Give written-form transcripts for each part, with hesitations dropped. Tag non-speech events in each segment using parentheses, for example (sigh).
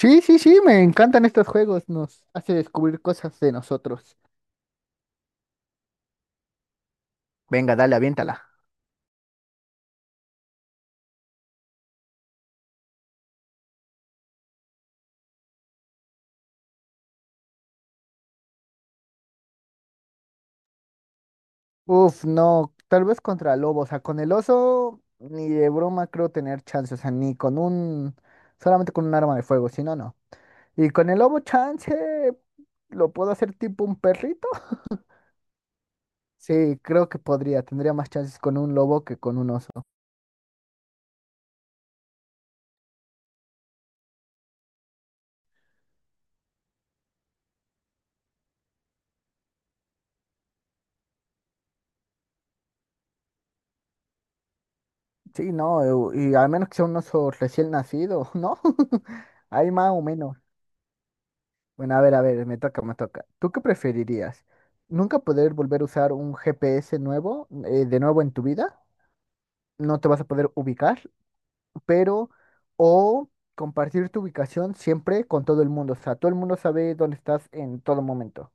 Sí, sí, sí, me encantan estos juegos, nos hace descubrir cosas de nosotros. Venga, dale, aviéntala. Uf, no, tal vez contra lobo, o sea, con el oso ni de broma creo tener chance, o sea, ni con un, solamente con un arma de fuego, si no, no. Y con el lobo chance, ¿lo puedo hacer tipo un perrito? Sí, creo que podría, tendría más chances con un lobo que con un oso. Sí, no, y al menos que sea un oso recién nacido, ¿no? (laughs) Hay más o menos. Bueno, a ver, me toca, me toca. ¿Tú qué preferirías? ¿Nunca poder volver a usar un GPS nuevo, de nuevo en tu vida? No te vas a poder ubicar, pero... O compartir tu ubicación siempre con todo el mundo. O sea, todo el mundo sabe dónde estás en todo momento.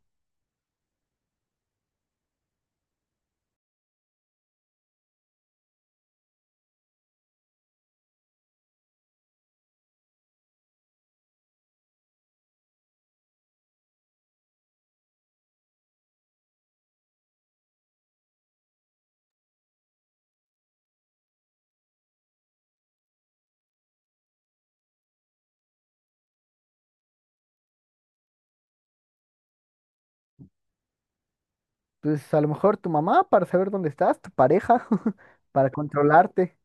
Entonces, a lo mejor tu mamá para saber dónde estás, tu pareja (laughs) para controlarte.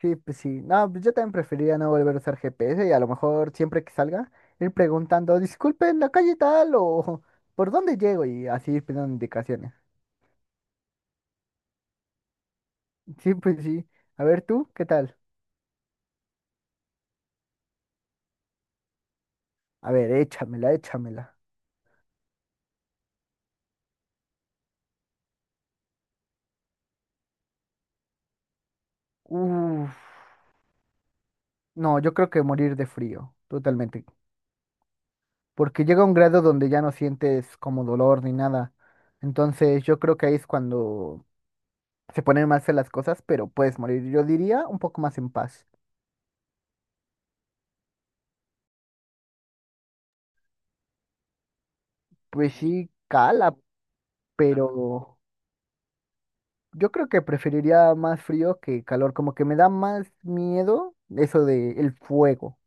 Sí, pues sí. No, pues yo también preferiría no volver a usar GPS y a lo mejor siempre que salga ir preguntando, disculpen, la calle tal o por dónde llego y así ir pidiendo indicaciones. Sí, pues sí. A ver tú, ¿qué tal? A ver, échamela, échamela. Uf, no, yo creo que morir de frío, totalmente. Porque llega un grado donde ya no sientes como dolor ni nada. Entonces yo creo que ahí es cuando se ponen más feas las cosas, pero puedes morir, yo diría, un poco más en paz. Pues sí, cala. Ah, pero... Yo creo que preferiría más frío que calor, como que me da más miedo eso de el fuego.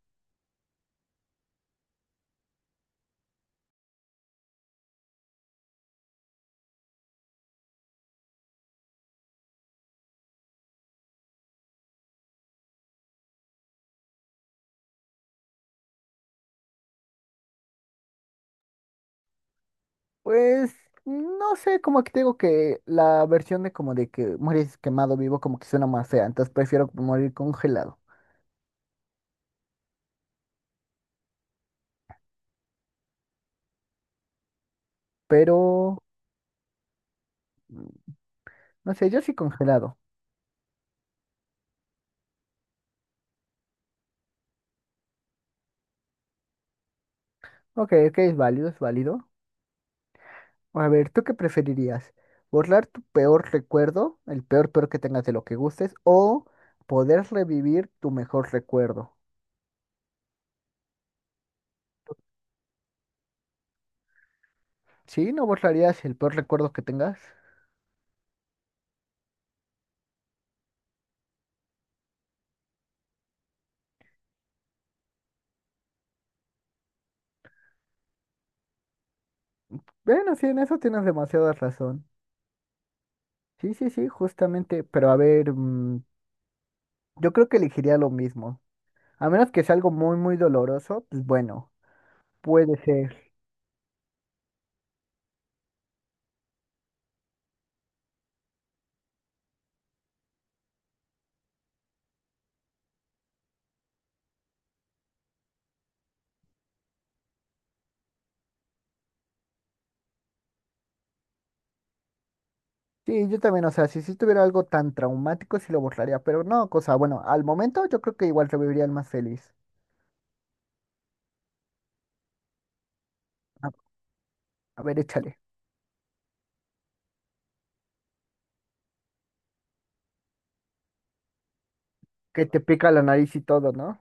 Pues no sé, como que te digo que la versión de como de que mueres quemado vivo como que suena más fea, entonces prefiero morir congelado. Pero no sé, yo sí congelado. Ok, ok, es válido, es válido. A ver, ¿tú qué preferirías? ¿Borrar tu peor recuerdo, el peor peor que tengas de lo que gustes, o poder revivir tu mejor recuerdo? ¿Sí? ¿No borrarías el peor recuerdo que tengas? Bueno, sí, en eso tienes demasiada razón. Sí, sí, sí, justamente, pero a ver, yo creo que elegiría lo mismo. A menos que sea algo muy, muy doloroso, pues bueno, puede ser. Sí, yo también, o sea, si tuviera algo tan traumático, sí lo borraría, pero no, cosa, bueno, al momento yo creo que igual reviviría el más feliz. A, a ver, échale. Que te pica la nariz y todo, ¿no?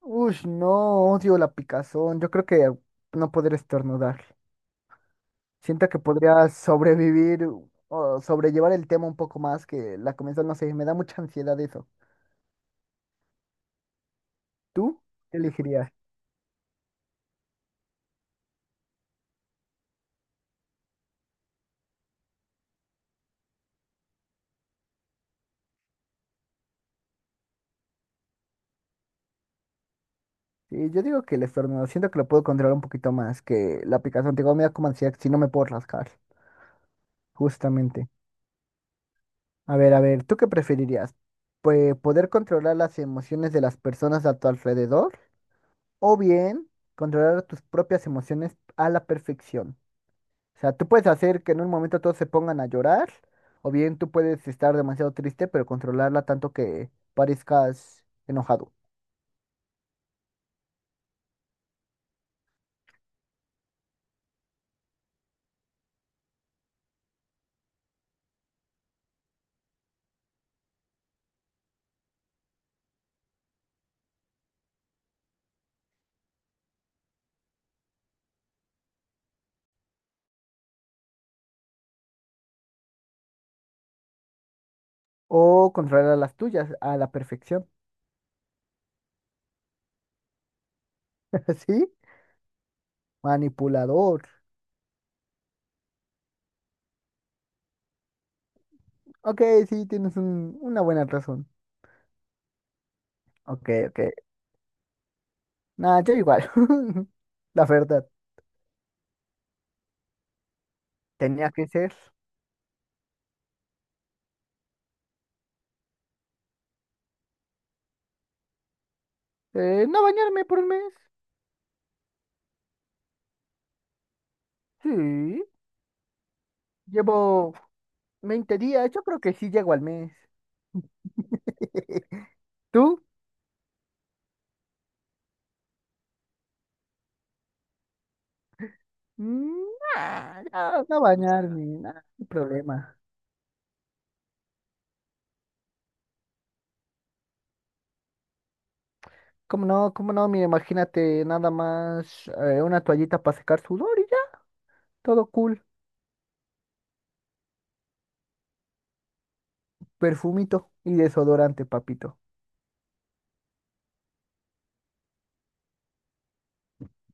Uy, no, odio la picazón, yo creo que no poder estornudar. Siento que podría sobrevivir o sobrellevar el tema un poco más que la comenzón, no sé, me da mucha ansiedad eso. ¿Tú qué elegirías? Sí, yo digo que el estornudo, siento que lo puedo controlar un poquito más que la picazón. Te digo, me da como ansiedad si no me puedo rascar, justamente. A ver, ¿tú qué preferirías? Pues poder controlar las emociones de las personas a tu alrededor o bien controlar tus propias emociones a la perfección. O sea, tú puedes hacer que en un momento todos se pongan a llorar, o bien tú puedes estar demasiado triste, pero controlarla tanto que parezcas enojado. O controlar las tuyas a la perfección. (laughs) ¿Sí? Manipulador. Ok, sí, una buena razón. Ok, ok. Nada, yo igual. (laughs) La verdad, tenía que ser. No bañarme por 1 mes. Sí. Llevo 20 días. Yo creo que sí llego al mes. (laughs) ¿Tú? Mm, Nah, no, no bañarme, nada, no hay problema. ¿Cómo no? ¿Cómo no? Mira, imagínate nada más una toallita para secar sudor y ya, todo cool. Perfumito y desodorante, papito.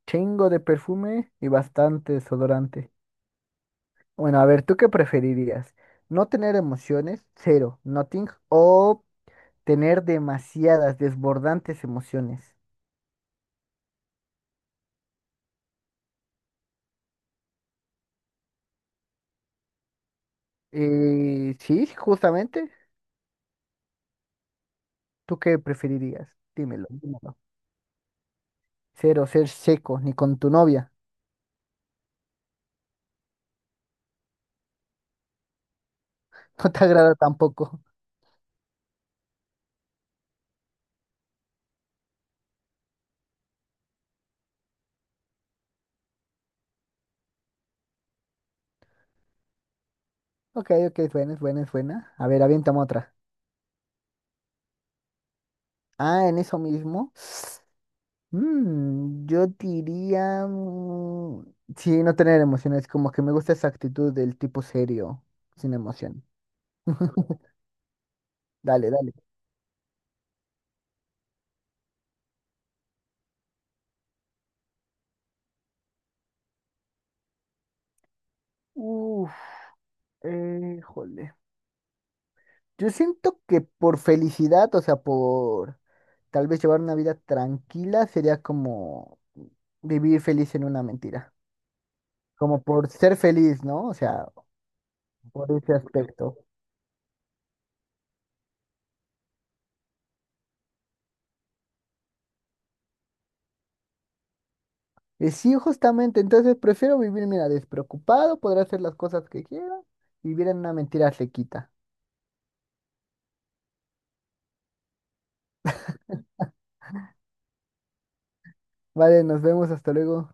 Chingo de perfume y bastante desodorante. Bueno, a ver, ¿tú qué preferirías? ¿No tener emociones? Cero, nothing. ¿O tener demasiadas, desbordantes emociones? Sí, justamente. ¿Tú qué preferirías? Dímelo, dímelo. Cero, ser seco, ni con tu novia. (laughs) No te agrada tampoco. Ok, ok, es buena, es buena, es buena. A ver, aviéntame otra. Ah, en eso mismo. Yo diría... sí, no tener emociones. Como que me gusta esa actitud del tipo serio, sin emoción. (laughs) Dale, dale. Uf, jole. Yo siento que por felicidad, o sea, por tal vez llevar una vida tranquila, sería como vivir feliz en una mentira. Como por ser feliz, ¿no? O sea, por ese aspecto. Y sí, justamente, entonces prefiero vivir, mira, despreocupado, poder hacer las cosas que quiera, vivir en una mentira sequita. Vale, nos vemos, hasta luego.